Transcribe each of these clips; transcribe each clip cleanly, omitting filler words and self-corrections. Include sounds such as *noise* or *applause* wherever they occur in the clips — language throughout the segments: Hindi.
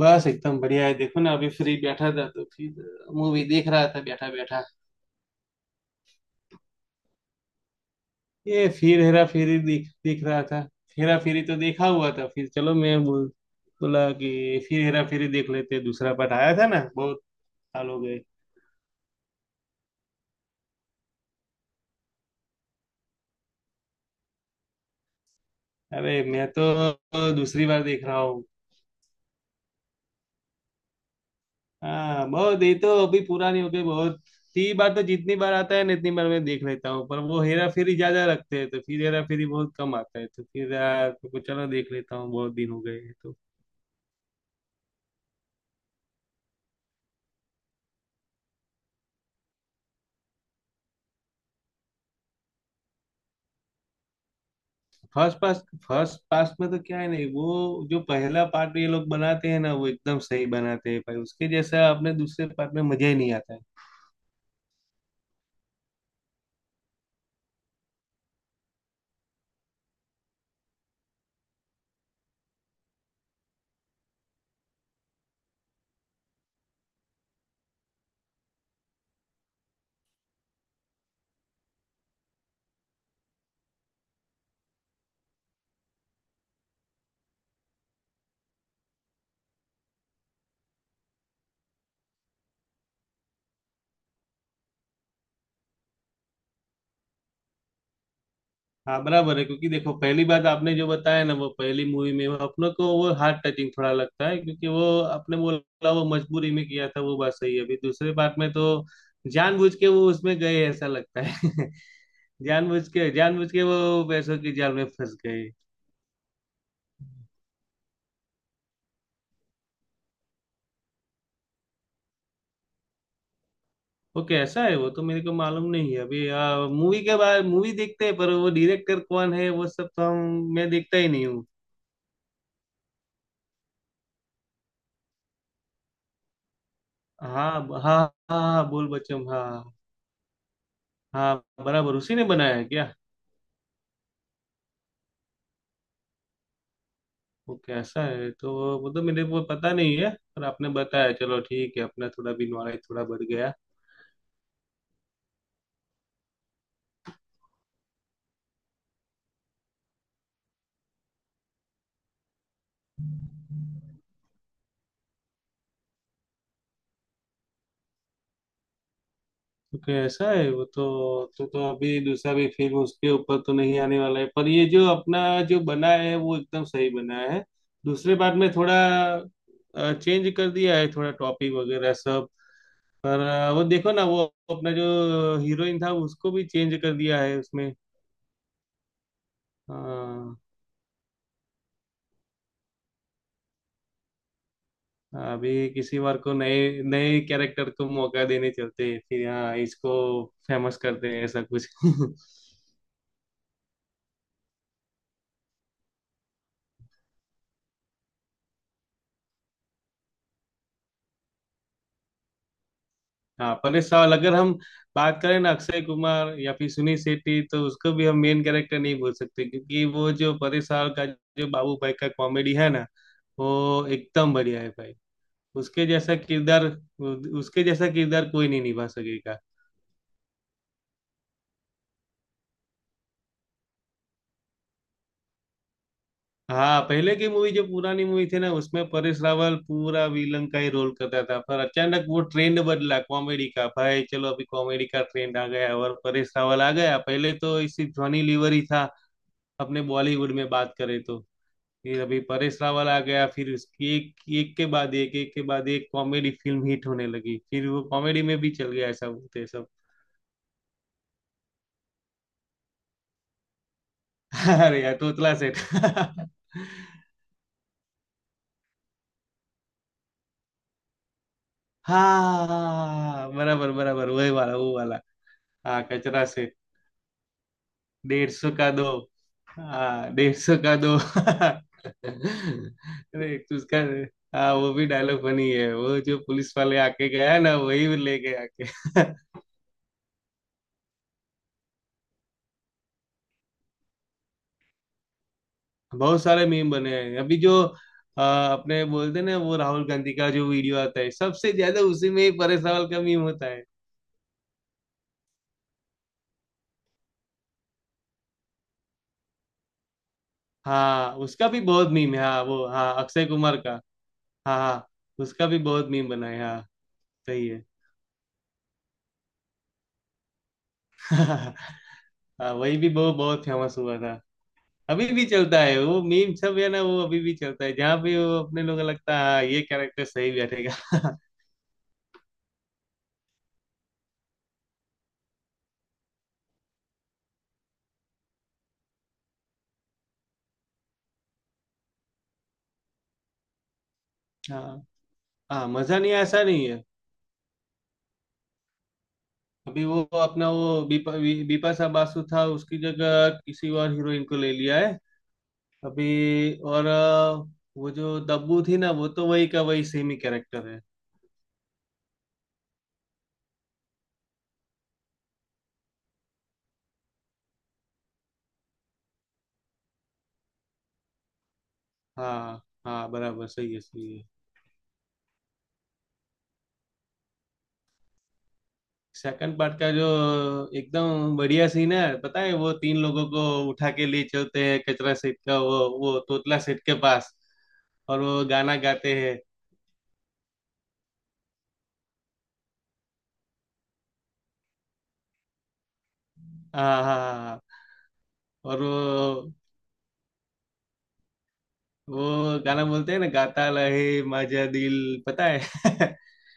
बस एकदम बढ़िया है। देखो ना, अभी फ्री बैठा था तो फिर मूवी देख रहा था, बैठा बैठा। ये फिर हेरा फेरी देख देख रहा था। हेरा फेरी तो देखा हुआ था, फिर चलो मैं बोला कि फिर हेरा फेरी देख लेते हैं। दूसरा पार्ट आया था ना, बहुत साल हो गए। अरे मैं तो दूसरी बार देख रहा हूँ। हाँ बहुत, ये तो अभी पूरा नहीं हो गई। बहुत 3 बार, तो जितनी बार आता है ना इतनी बार मैं देख लेता हूँ, पर वो हेरा फेरी ज्यादा रखते हैं, तो फिर हेरा फेरी बहुत कम आता है, तो फिर यार, तो चलो देख लेता हूँ, बहुत दिन हो गए हैं तो। फर्स्ट पास फर्स्ट पास में तो क्या है, नहीं वो जो पहला पार्ट ये लोग बनाते हैं ना, वो एकदम सही बनाते हैं भाई। उसके जैसा आपने दूसरे पार्ट में मजा ही नहीं आता है। हाँ बराबर है, क्योंकि देखो पहली बात आपने जो बताया ना, वो पहली मूवी में वो अपनों को, वो हार्ट टचिंग थोड़ा लगता है क्योंकि वो आपने बोला वो मजबूरी में किया था, वो बात सही है। अभी दूसरे पार्ट में तो जानबूझ के वो उसमें गए ऐसा लगता है। *laughs* जानबूझ के वो पैसों की जाल में फंस गए। वो कैसा है, वो तो मेरे को मालूम नहीं है अभी। मूवी के बाद मूवी देखते हैं पर वो डायरेक्टर कौन है वो सब तो हम, मैं देखता ही नहीं हूँ। हाँ हाँ। हाँ हाँ, बोल बच्चन, हाँ। हाँ बराबर, उसी ने बनाया है क्या? वो कैसा है तो, वो तो मेरे को पता नहीं है। पर आपने बताया, चलो ठीक है, अपना थोड़ा भी नॉलेज थोड़ा बढ़ गया। ओके ऐसा है वो तो। तो अभी दूसरा भी फिल्म उसके ऊपर तो नहीं आने वाला है, पर ये जो अपना जो बना है वो एकदम सही बना है। दूसरे पार्ट में थोड़ा चेंज कर दिया है, थोड़ा टॉपिक वगैरह सब। पर वो देखो ना वो अपना जो हीरोइन था उसको भी चेंज कर दिया है उसमें। हाँ। अभी किसी बार को नए नए कैरेक्टर को मौका देने चलते हैं, फिर हाँ इसको फेमस करते हैं ऐसा कुछ। *laughs* हाँ परेश रावल, अगर हम बात करें ना अक्षय कुमार या फिर सुनील शेट्टी, तो उसको भी हम मेन कैरेक्टर नहीं बोल सकते क्योंकि वो जो परेश रावल का जो बाबू भाई का कॉमेडी है ना, वो एकदम बढ़िया है भाई। उसके जैसा किरदार, उसके जैसा किरदार कोई नहीं निभा सकेगा। हाँ पहले की मूवी जो पुरानी मूवी थी ना, उसमें परेश रावल पूरा विलन का ही रोल करता था, पर अचानक वो ट्रेंड बदला, कॉमेडी का। भाई चलो, अभी कॉमेडी का ट्रेंड आ गया और परेश रावल आ गया। पहले तो इसी जॉनी लीवर ही था अपने बॉलीवुड में, बात करें तो। ये अभी परेश रावल आ गया, फिर उसकी एक एक के बाद एक एक के बाद एक कॉमेडी फिल्म हिट होने लगी, फिर वो कॉमेडी में भी चल गया ऐसा बोलते हैं सब। *laughs* अरे यार, तोतला सेठ। *laughs* हाँ बराबर बराबर, वही वाला, वो वाला। हाँ कचरा सेठ। 150 का दो। हाँ 150 का दो। *laughs* अरे उसका, हाँ वो भी डायलॉग बनी है, वो जो पुलिस वाले आके गया ना वही ले गया आके। *laughs* बहुत सारे मीम बने हैं अभी जो अपने बोलते हैं ना वो राहुल गांधी का जो वीडियो आता है सबसे ज्यादा, उसी में ही परे सवाल का मीम होता है। हाँ उसका भी बहुत मीम है, हाँ वो हाँ अक्षय कुमार का। हाँ हाँ, उसका भी बहुत मीम बना है हाँ। सही है। *laughs* हाँ, वही भी बहुत बहुत फेमस हुआ था। अभी भी चलता है वो मीम सब है ना, वो अभी भी चलता है जहाँ भी वो अपने लोग लगता है हाँ ये कैरेक्टर सही बैठेगा। *laughs* हाँ, हाँ मजा नहीं ऐसा नहीं है। अभी वो अपना वो बीपा बीपा सा बासु था उसकी जगह किसी और हीरोइन को ले लिया है। अभी और वो जो दब्बू थी ना, वो तो वही का वही सेम ही कैरेक्टर है। हाँ। हाँ बराबर, सही है सही है। सेकंड पार्ट का जो एकदम बढ़िया सीन है पता है, वो तीन लोगों को उठा के ले चलते हैं कचरा सेठ का, वो तोतला सेठ के पास, और वो गाना गाते हैं। हाँ हाँ हाँ हाँ। और वो गाना बोलते हैं ना गाता रहे माझा दिल, पता है। *laughs*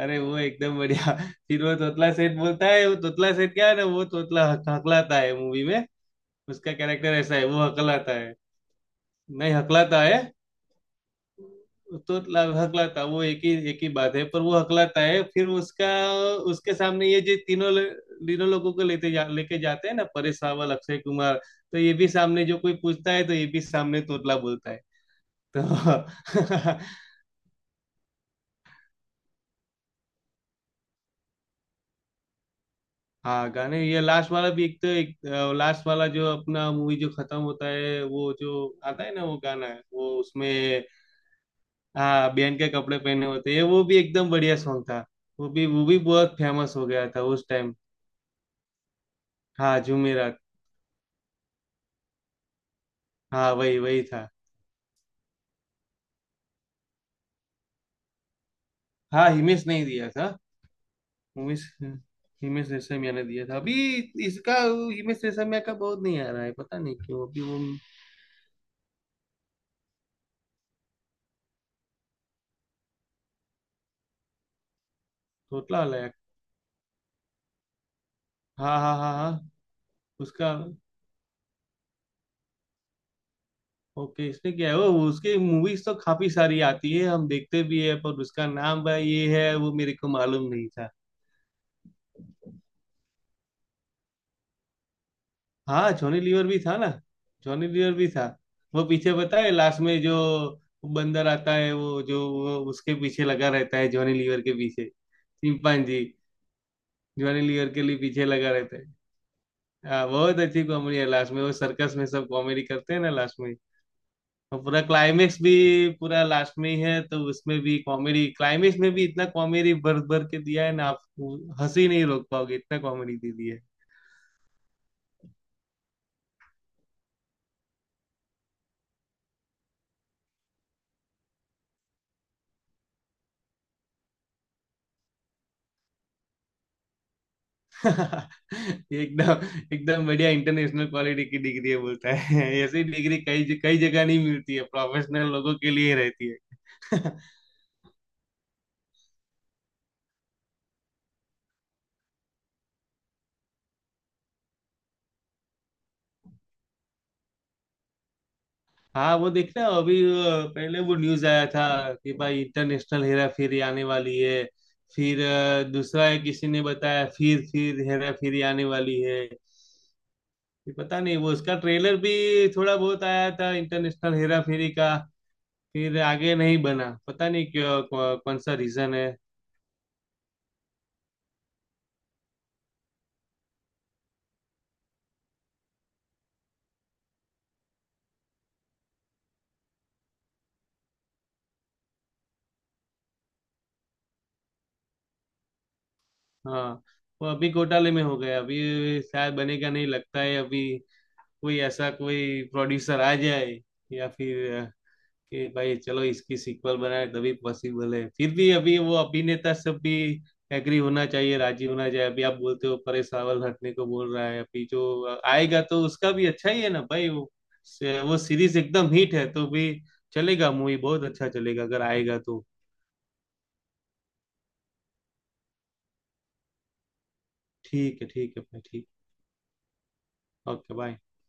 अरे वो एकदम बढ़िया। फिर वो तोतला सेठ बोलता है, वो तोतला सेठ क्या है ना वो तोतला हकलाता है मूवी में। उसका कैरेक्टर ऐसा है, वो हकलाता है। नहीं हकलाता है। तोतला हकलाता वो एक ही बात है, पर वो हकलाता है। फिर उसका उसके सामने ये जो तीनों लोगों को लेके जाते हैं ना परेश रावल अक्षय कुमार, तो ये भी सामने जो कोई पूछता है तो ये भी सामने तोतला बोलता है। तो *laughs* हाँ गाने, ये लास्ट वाला भी एक, तो एक लास्ट वाला जो अपना मूवी जो खत्म होता है वो जो आता है ना वो गाना है वो उसमें। हाँ बहन के कपड़े पहने होते हैं, वो भी एकदम बढ़िया सॉन्ग था। वो भी बहुत फेमस हो गया था उस टाइम। हाँ जुमेरात। हाँ वही वही था। हाँ हिमेश नहीं दिया था। हिमेश हिमेश रेशमिया ने दिया था अभी इसका। हिमेश रेशमिया का बहुत नहीं आ रहा है पता नहीं क्यों अभी वो। थोतला वाला है। हाँ हाँ हाँ हाँ। उसका। ओके इसने क्या है, वो उसकी मूवीज तो काफी सारी आती है हम देखते भी है, पर उसका नाम भाई ये है वो मेरे को मालूम नहीं था। हाँ जॉनी लीवर भी था ना, जॉनी लीवर भी था। वो पीछे पता है, लास्ट में जो बंदर आता है वो, जो वो उसके पीछे लगा रहता है जॉनी लीवर के पीछे। चिंपांजी। जॉनी लीवर के लिए पीछे लगा रहता है। हाँ बहुत अच्छी कॉमेडी है लास्ट में, वो सर्कस में सब कॉमेडी करते हैं ना लास्ट में। और पूरा क्लाइमेक्स भी पूरा लास्ट में ही है, तो उसमें भी कॉमेडी, क्लाइमेक्स में भी इतना कॉमेडी भर भर के दिया है ना, आप हंसी नहीं रोक पाओगे, इतना कॉमेडी दे दी है। *laughs* एकदम एकदम बढ़िया इंटरनेशनल क्वालिटी की डिग्री है बोलता है। *laughs* ऐसी डिग्री कई कई जगह नहीं मिलती है, प्रोफेशनल लोगों के लिए ही रहती है। *laughs* हाँ वो देखना, अभी पहले वो न्यूज आया था कि भाई इंटरनेशनल हेरा फेरी आने वाली है। फिर दूसरा है किसी ने बताया, फिर हेरा फेरी आने वाली है। ये पता नहीं, वो उसका ट्रेलर भी थोड़ा बहुत आया था इंटरनेशनल हेरा फेरी का। फिर आगे नहीं बना, पता नहीं क्यों, कौन सा रीजन है। हाँ वो अभी घोटाले में हो गया, अभी शायद बनेगा नहीं लगता है अभी। कोई ऐसा कोई प्रोड्यूसर आ जाए, या फिर कि भाई चलो इसकी सीक्वल बनाए तभी पॉसिबल है। फिर भी अभी वो अभिनेता सब भी एग्री होना चाहिए, राजी होना चाहिए। अभी आप बोलते हो परेश रावल हटने को बोल रहा है अभी, जो आएगा तो उसका भी अच्छा ही है ना भाई, वो वो सीरीज एकदम हिट है तो भी चलेगा। मूवी बहुत अच्छा चलेगा अगर आएगा तो। ठीक है भाई ठीक। Okay bye.